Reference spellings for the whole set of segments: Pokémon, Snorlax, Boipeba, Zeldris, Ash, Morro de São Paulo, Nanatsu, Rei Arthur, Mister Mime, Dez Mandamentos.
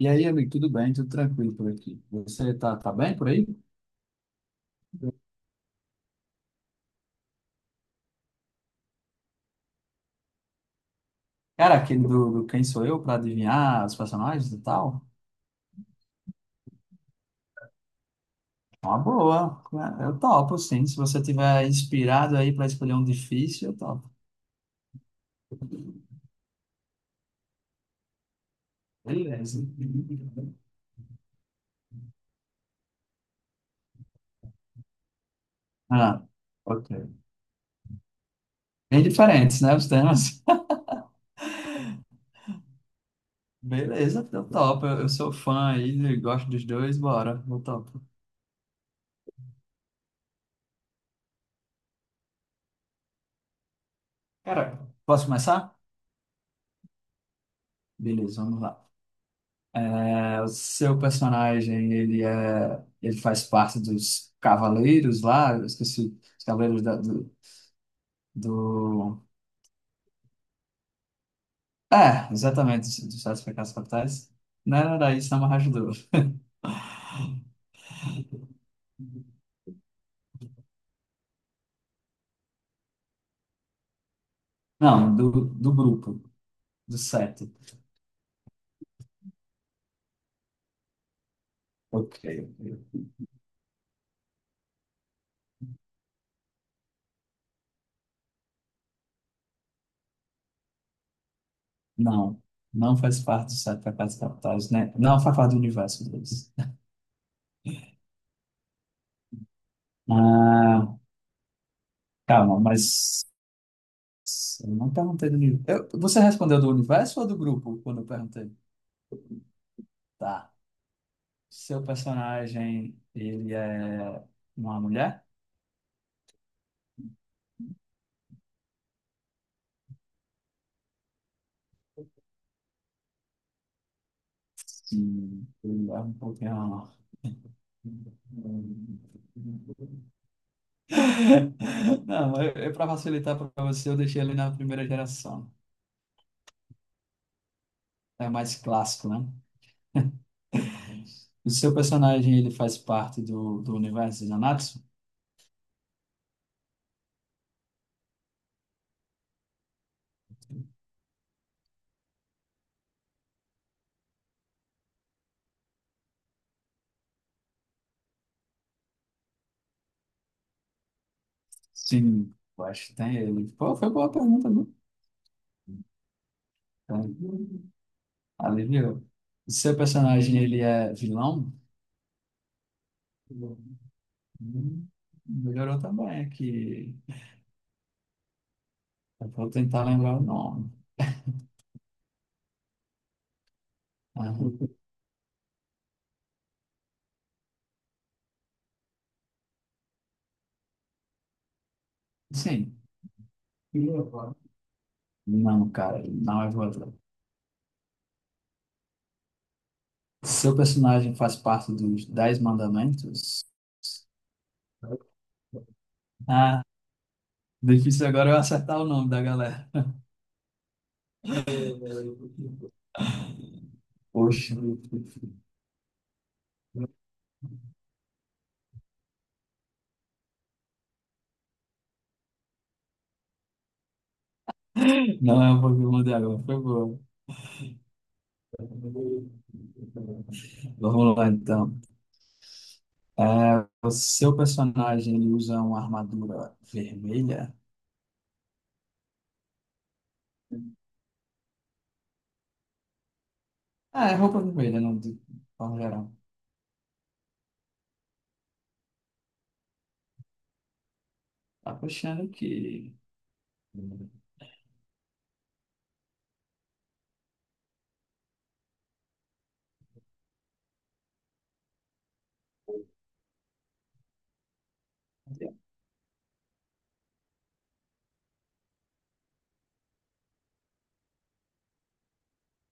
E aí, amigo, tudo bem? Tudo tranquilo por aqui. Você tá bem por aí? Cara, aquele do Quem Sou Eu para adivinhar os personagens e tal? É uma boa. É, eu topo, sim. Se você tiver inspirado aí para escolher um difícil, eu topo. Beleza. Ah, ok. Bem diferentes, né, os temas? Beleza, eu topo. Eu sou fã aí, gosto dos dois, bora. Eu topo. Cara, posso começar? Beleza, vamos lá. O seu personagem, ele faz parte dos cavaleiros lá, eu esqueci, os cavaleiros da- do... do.... É, exatamente, dos sete pecados capitais. Não era daí, Sama Hajdu. Não, do grupo, do sete. Ok. Ok. Não, não faz parte dos sete pecados capitais, né? Não faz parte do universo deles. Ah, calma, mas eu não perguntei do universo. Você respondeu do universo ou do grupo quando eu perguntei? Tá. Seu personagem, ele é uma mulher? Sim, ele é um pouquinho. Não, eu para facilitar para você, eu deixei ele na primeira geração. É mais clássico, né? O seu personagem, ele faz parte do universo de Nanatsu? Sim, eu acho que tem ele. Pô, foi boa pergunta, viu? Tem. Aliviou. O seu personagem, ele é vilão? Hum, Melhorou também aqui. Eu vou tentar lembrar o nome. Ah, sim. Não, cara, não é voador. Seu personagem faz parte dos Dez Mandamentos? Ah, difícil agora eu acertar o nome da galera. Poxa, não é o Pokémon de agora, foi boa. Vamos lá, então. É, o seu personagem ele usa uma armadura vermelha? Ah, é roupa vermelha, não, de forma geral. Tá achando que.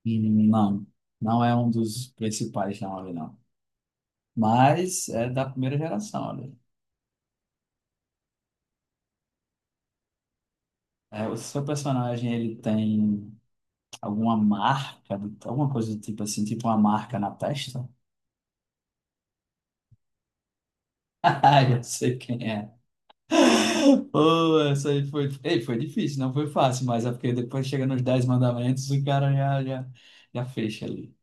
Não, não é um dos principais não nomes, não. Mas é da primeira geração, olha. É, o seu personagem, ele tem alguma marca, alguma coisa do tipo assim, tipo uma marca na testa? Ah, eu sei quem é. Pô, essa aí foi. Ei, foi difícil, não foi fácil, mas é porque depois chega nos dez mandamentos, o cara já fecha ali.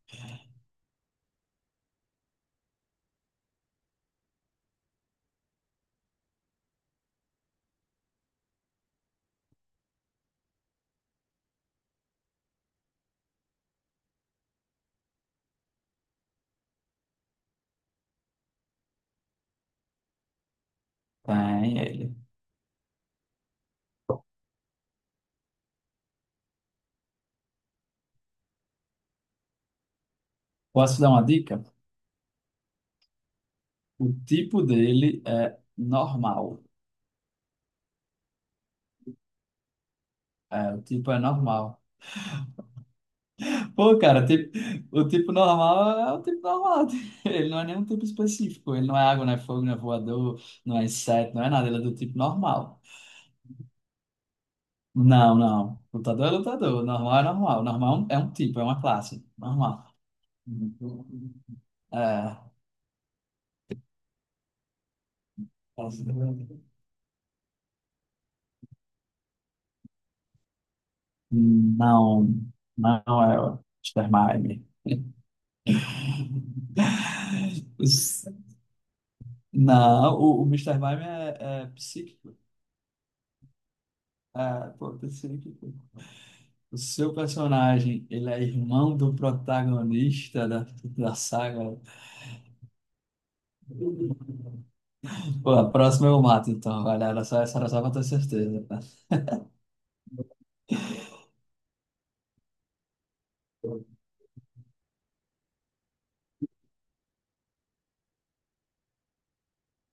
Tem ele. Posso dar uma dica? O tipo dele é normal. É, o tipo é normal. Pô, cara, o tipo normal é o tipo normal. Ele não é nenhum tipo específico. Ele não é água, não é fogo, não é voador, não é inseto, não é nada. Ele é do tipo normal. Não, não. Lutador é lutador. Normal é normal. Normal é um tipo, é uma classe. Normal. É. Não, não é o Mister Mime. Não, o Mr. Mime é psíquico. Ah, pô, pensei que o seu personagem, ele é irmão do protagonista da saga. Pô, a próxima eu mato, então. Olha, era só, essa era só pra ter certeza. Tá?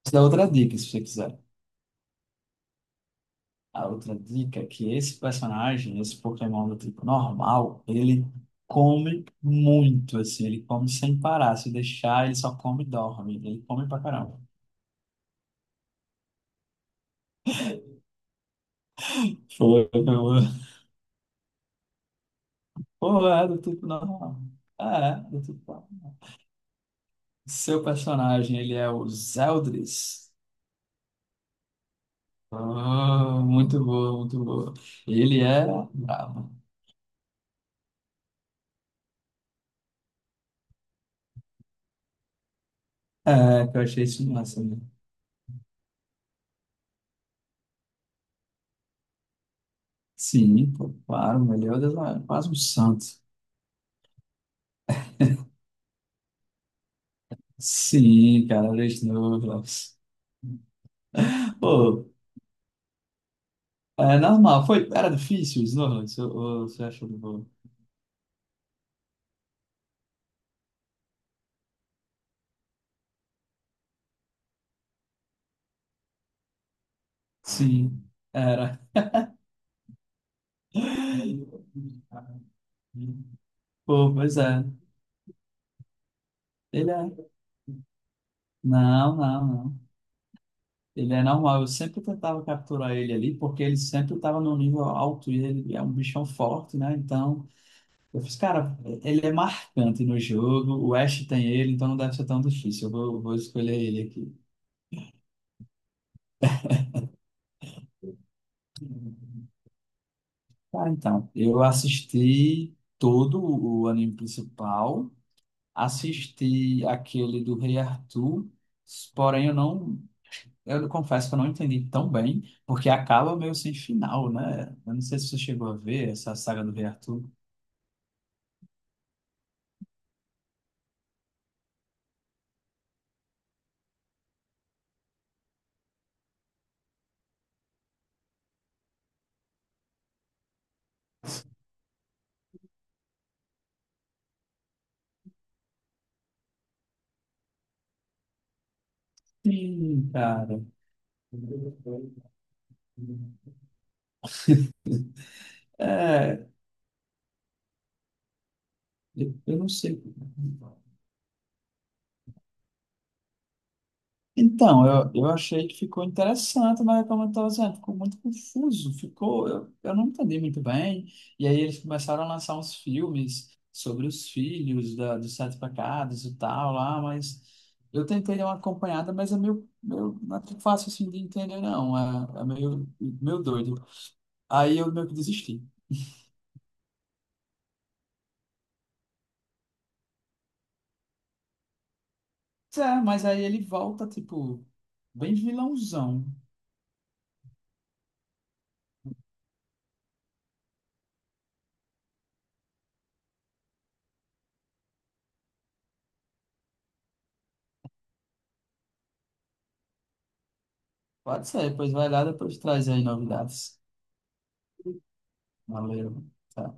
Isso é outra dica, se você quiser. A outra dica é que esse personagem, esse Pokémon do tipo normal, ele come muito, assim, ele come sem parar. Se deixar, ele só come e dorme. Ele come pra caramba. Foi, meu. Pô, é do tipo normal. É, do tipo. Seu personagem, ele é o Zeldris. Oh, muito boa, muito boa. Ele é bravo. É, que eu achei isso massa, né? Sim, pô, claro, melhor Deus, é quase um santo. Sim, cara, era Snorlax. Pô, é normal, foi, era difícil o Snorlax, ou você achou de boa? Sim, era. Pô, pois é, ele é. Não, não, não. Ele é normal, eu sempre tentava capturar ele ali, porque ele sempre estava no nível alto e ele é um bichão forte, né? Então, eu fiz, cara, ele é marcante no jogo, o Ash tem ele, então não deve ser tão difícil, eu vou escolher ele aqui. Cara, então, eu assisti todo o anime principal, assisti aquele do Rei Arthur, porém eu não, eu confesso que eu não entendi tão bem, porque acaba meio sem final, né? Eu não sei se você chegou a ver essa saga do Rei Arthur. Sim, cara. É, eu não sei. Então, eu achei que ficou interessante, mas como eu estava dizendo, ficou muito confuso, ficou, eu não entendi muito bem. E aí eles começaram a lançar uns filmes sobre os filhos dos sete pecados e tal lá, mas eu tentei dar uma acompanhada, mas é meio não é tão fácil assim de entender, não, é meio doido. Aí eu meio que desisti. É, mas aí ele volta, tipo, bem vilãozão. Pode ser, pois vai lá, depois traz aí novidades. Valeu. Tá.